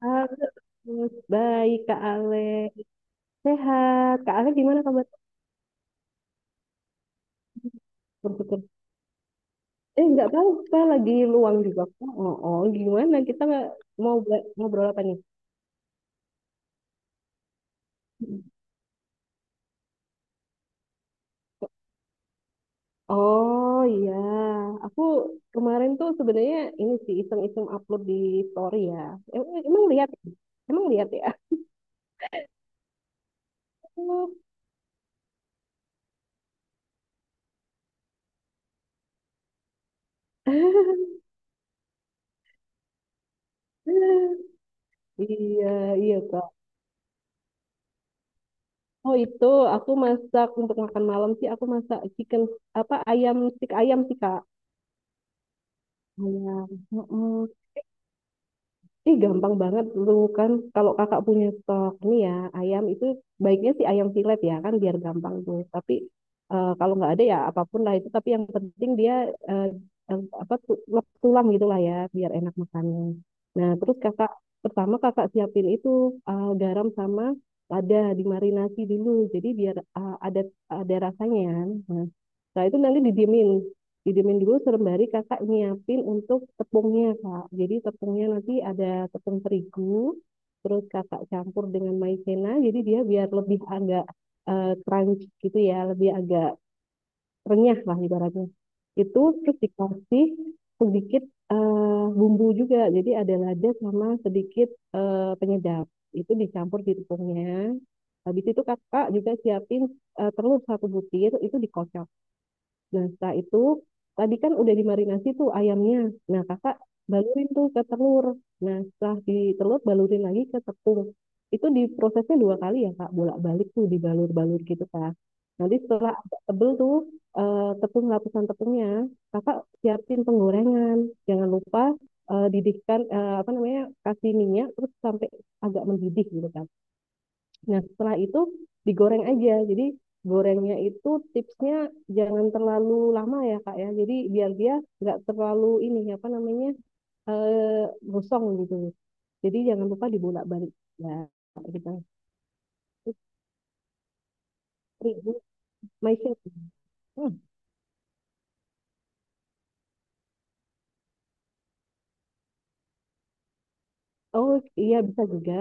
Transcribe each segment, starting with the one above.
Halo, Gus. Baik, Kak Ale. Sehat. Kak Ale, gimana kabar? Bersyukur. Nggak tahu. Saya lagi luang juga, Kak. Oh, oh, gimana? Kita mau ngobrol apa nih? Oh, iya. Aku kemarin tuh sebenarnya ini sih iseng-iseng upload di story ya. Emang lihat? Emang lihat ya? Oh. Iya, iya, Kak. Oh, itu aku masak untuk makan malam sih, aku masak chicken, apa, ayam, stik ayam sih, Kak. Ayam. Mm-mm. Ih, gampang banget tuh kan. Kalau kakak punya stok nih ya, ayam itu baiknya sih ayam silet ya kan biar gampang tuh. Tapi kalau nggak ada ya apapun lah itu. Tapi yang penting dia eh, eh, apa tulang gitulah ya biar enak makannya. Nah, terus kakak pertama kakak siapin itu garam sama lada, dimarinasi dulu. Jadi biar ada rasanya, ya. Nah, setelah itu nanti didiemin didiemin dulu sembari kakak nyiapin untuk tepungnya, Kak. Jadi tepungnya nanti ada tepung terigu, terus kakak campur dengan maizena jadi dia biar lebih agak crunchy gitu ya, lebih agak renyah lah ibaratnya. Itu terus dikasih sedikit bumbu juga, jadi ada lada sama sedikit penyedap, itu dicampur di tepungnya. Habis itu kakak juga siapin telur satu butir, itu dikocok. Nah, setelah itu tadi kan udah dimarinasi tuh ayamnya. Nah, kakak balurin tuh ke telur. Nah, setelah di telur, balurin lagi ke tepung. Itu diprosesnya dua kali ya, Kak. Bolak-balik tuh dibalur-balur gitu, Kak. Nanti setelah agak tebel tuh eh, tepung lapisan tepungnya, kakak siapin penggorengan. Jangan lupa didihkan, apa namanya, kasih minyak terus sampai agak mendidih gitu, Kak. Nah, setelah itu digoreng aja. Jadi gorengnya itu tipsnya jangan terlalu lama ya, Kak ya. Jadi biar dia nggak terlalu ini, apa namanya, eh gosong gitu. Jadi jangan lupa dibolak-balik. Ya, kita terigu maizena. Hmm. Oh, iya, bisa juga.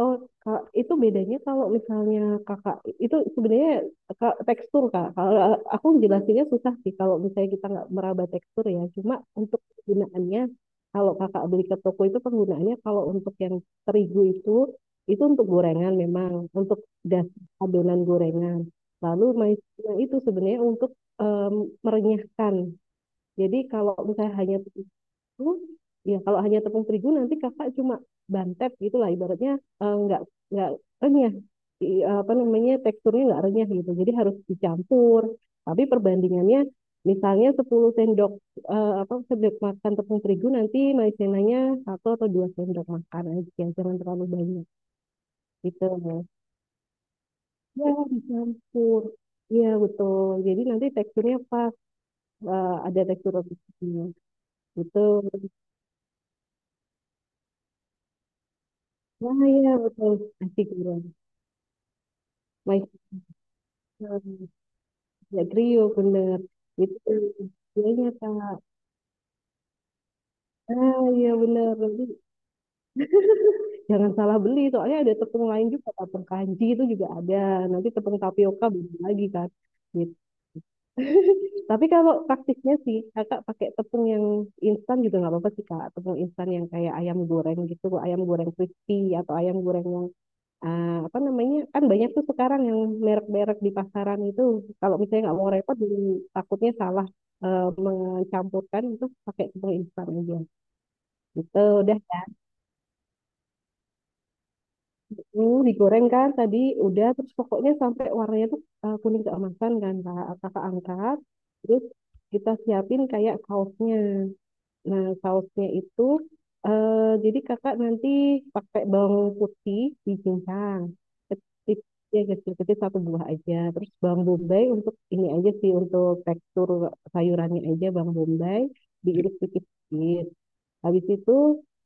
Oh, Kak, itu bedanya kalau misalnya kakak itu sebenarnya, Kak, tekstur, Kak. Kalau aku jelasinnya susah sih kalau misalnya kita nggak meraba tekstur ya. Cuma untuk penggunaannya, kalau kakak beli ke toko itu penggunaannya kalau untuk yang terigu itu untuk gorengan, memang untuk das adonan gorengan. Lalu maizena itu sebenarnya untuk em, merenyahkan. Jadi kalau misalnya hanya, oh, ya, kalau hanya tepung terigu nanti kakak cuma bantet gitulah ibaratnya, eh, nggak nggak renyah, apa namanya, teksturnya nggak renyah gitu. Jadi harus dicampur. Tapi perbandingannya misalnya 10 sendok eh, apa sendok makan tepung terigu, nanti maizenanya satu atau dua sendok makan aja, jangan terlalu banyak gitu. Ya, dicampur. Iya, betul. Jadi nanti teksturnya pas ada tekstur roti gitu. Betul. Nah, iya, betul. Nasi goreng. Maizena. Ya, trio bener itu biayanya, Kak. Ah, iya, bener. Nanti jangan salah beli, soalnya ada tepung lain juga, tepung kanji itu juga ada, nanti tepung tapioka beda lagi kan gitu. Tapi kalau praktisnya sih kakak pakai tepung yang instan juga nggak apa-apa sih, Kak. Tepung instan yang kayak ayam goreng gitu, ayam goreng crispy, atau ayam goreng yang apa namanya, kan banyak tuh sekarang yang merek-merek di pasaran itu, kalau misalnya nggak mau repot. Jadi takutnya salah mencampurkan, itu pakai tepung instan aja gitu udah. Jatuh, digoreng kan tadi, udah, terus pokoknya sampai warnanya tuh kuning keemasan kan, Kak, kakak angkat. Terus kita siapin kayak sausnya. Nah, sausnya itu eh, jadi kakak nanti pakai bawang putih dicincang kecil, ya kecil-kecil, satu buah aja, terus bawang bombay untuk ini aja sih, untuk tekstur sayurannya aja, bawang bombay diiris tipis-tipis. Habis itu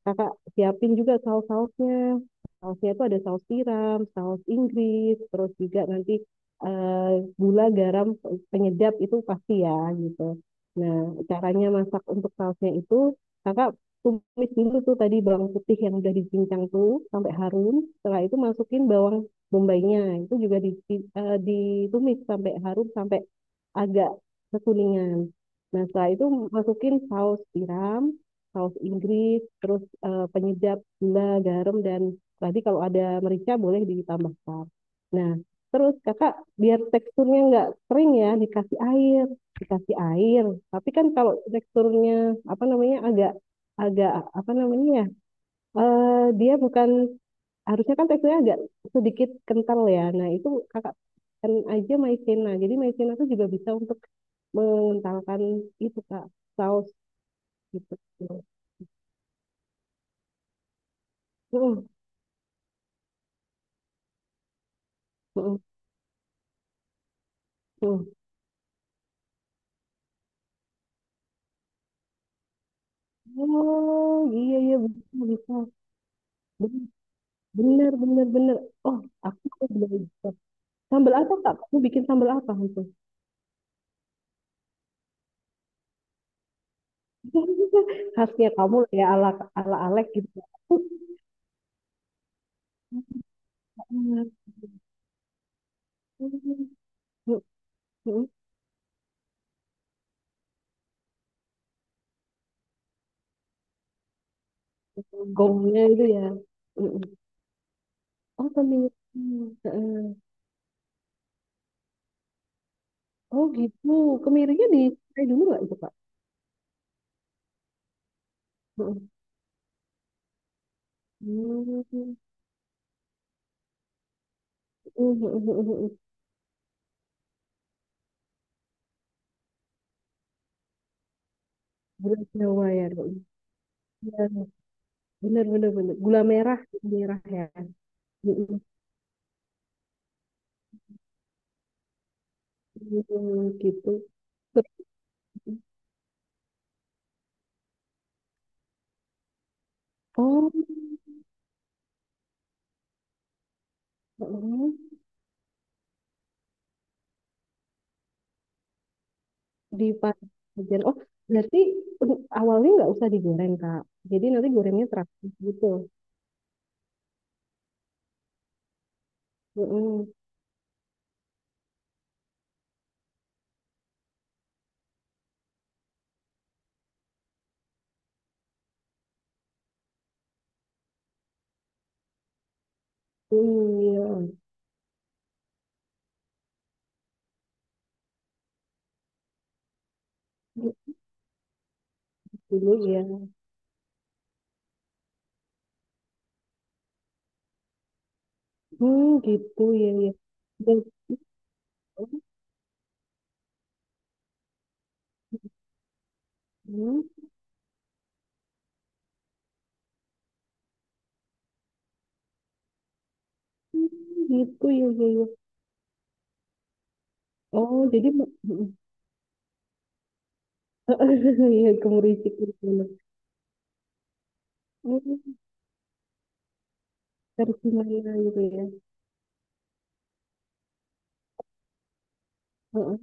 kakak siapin juga saus-sausnya. Sausnya itu ada saus tiram, saus Inggris, terus juga nanti eh, gula, garam, penyedap itu pasti ya gitu. Nah, caranya masak untuk sausnya itu, kakak tumis dulu tuh tadi bawang putih yang udah dicincang tuh sampai harum. Setelah itu masukin bawang bombaynya, itu juga ditumis sampai harum, sampai agak kekuningan. Nah, setelah itu masukin saus tiram, saus Inggris, terus penyedap, gula, garam, dan tadi kalau ada merica boleh ditambahkan. Nah, terus kakak biar teksturnya nggak kering ya, dikasih air, dikasih air. Tapi kan kalau teksturnya, apa namanya, agak agak apa namanya ya, eh, dia bukan, harusnya kan teksturnya agak sedikit kental ya. Nah, itu kakak kan aja maizena. Jadi maizena tuh juga bisa untuk mengentalkan itu, Kak, saus gitu. Heeh, heeh, heeh. Oh, iya, iya, bisa, bisa. Ben- Bener, bener, bener. Oh, aku kok beli sambal apa, Kak? Kamu bikin sambal apa itu? Khasnya kamu lah ya, ala ala Alek gitu. Ah, heeh, heeh. Gongnya itu ya. Heeh. Oh, pemilik. Oh gitu, kemirinya di saya dulu nggak itu, Kak? Heeh. Hmm. Gula Jawa ya, Dok. Iya, benar, benar, benar. Gula merah ya. Mm, mm, gitu. Terus- Oh, heeh. Di Pajajaran. Oh, berarti awalnya nggak usah digoreng, Kak. Jadi nanti gorengnya terakhir gitu. Heeh. Hmm, iya. Dulu ya. Hmm, gitu ya, ya. Dan- Hmm, gitu ya, ya, ya. Oh, jadi. Iya, ke Mericik gitu. Hmm, dari Himalaya gitu ya. Heeh.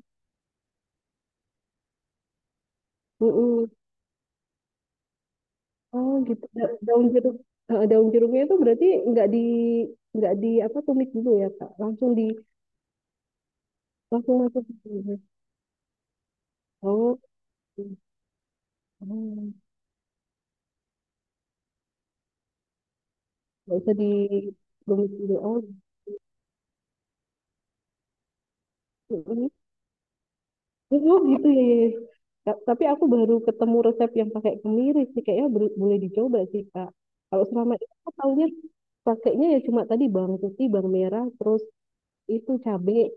Mm. Oh, gitu. Daun jeruknya itu berarti nggak di apa, tumis dulu ya, Kak. Langsung masuk ke sini. Oh. Oh, nggak usah di tumis dulu. Oh. Mm. Oh gitu ya, ya, ya. Tapi aku baru ketemu resep yang pakai kemiri sih. Kayaknya boleh dicoba sih, Kak. Kalau selama ini aku taunya pakainya ya cuma tadi bawang putih, bawang merah, terus itu cabai.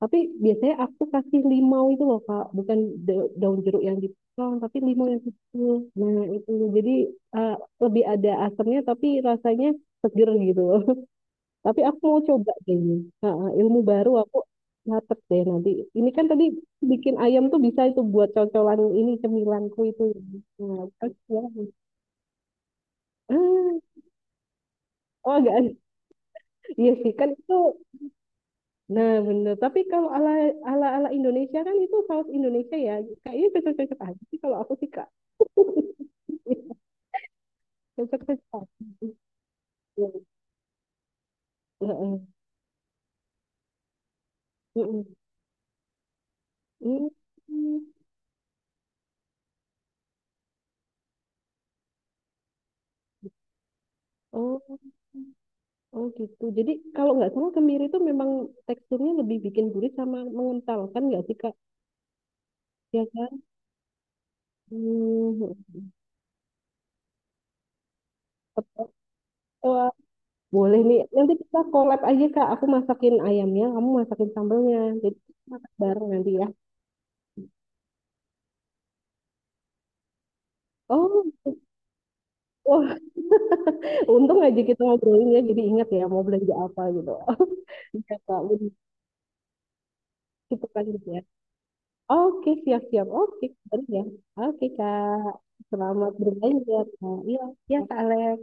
Tapi biasanya aku kasih limau itu loh, Kak. Bukan daun jeruk yang dipotong, tapi limau yang kecil. Nah, itu. Jadi eh, lebih ada asamnya, tapi rasanya seger gitu. Tapi aku mau coba deh ini. Ha-ha, ilmu baru, aku catet deh nanti. Ini kan tadi bikin ayam tuh bisa itu buat cocolan, ini cemilanku itu. Nah, terus ya. Ah, oh agak iya sih kan itu. Nah, bener. Tapi kalau ala ala ala Indonesia kan, itu saus Indonesia ya. Kayaknya cocok-cocok aja sih kalau aku sih, Kak. Cocok-cocok aja. Heeh. Heeh. Heeh. Oh, oh gitu. Jadi kalau nggak salah kemiri itu memang teksturnya lebih bikin gurih sama mengental kan, nggak sih, Kak? Ya kan? Hmm, tepat tua. Boleh nih. Nanti kita collab aja, Kak. Aku masakin ayamnya, kamu masakin sambelnya. Jadi kita masak bareng nanti ya. Oh, wah. Untung aja kita ngobrolin ya. Jadi ingat ya mau belanja apa gitu. Iya, Kak. Udah. Kita lanjut ya. Oke, siap-siap. Oke, baru ya. Oke, Kak. Selamat berbelanja, Kak. Iya, ya, Kak Alex.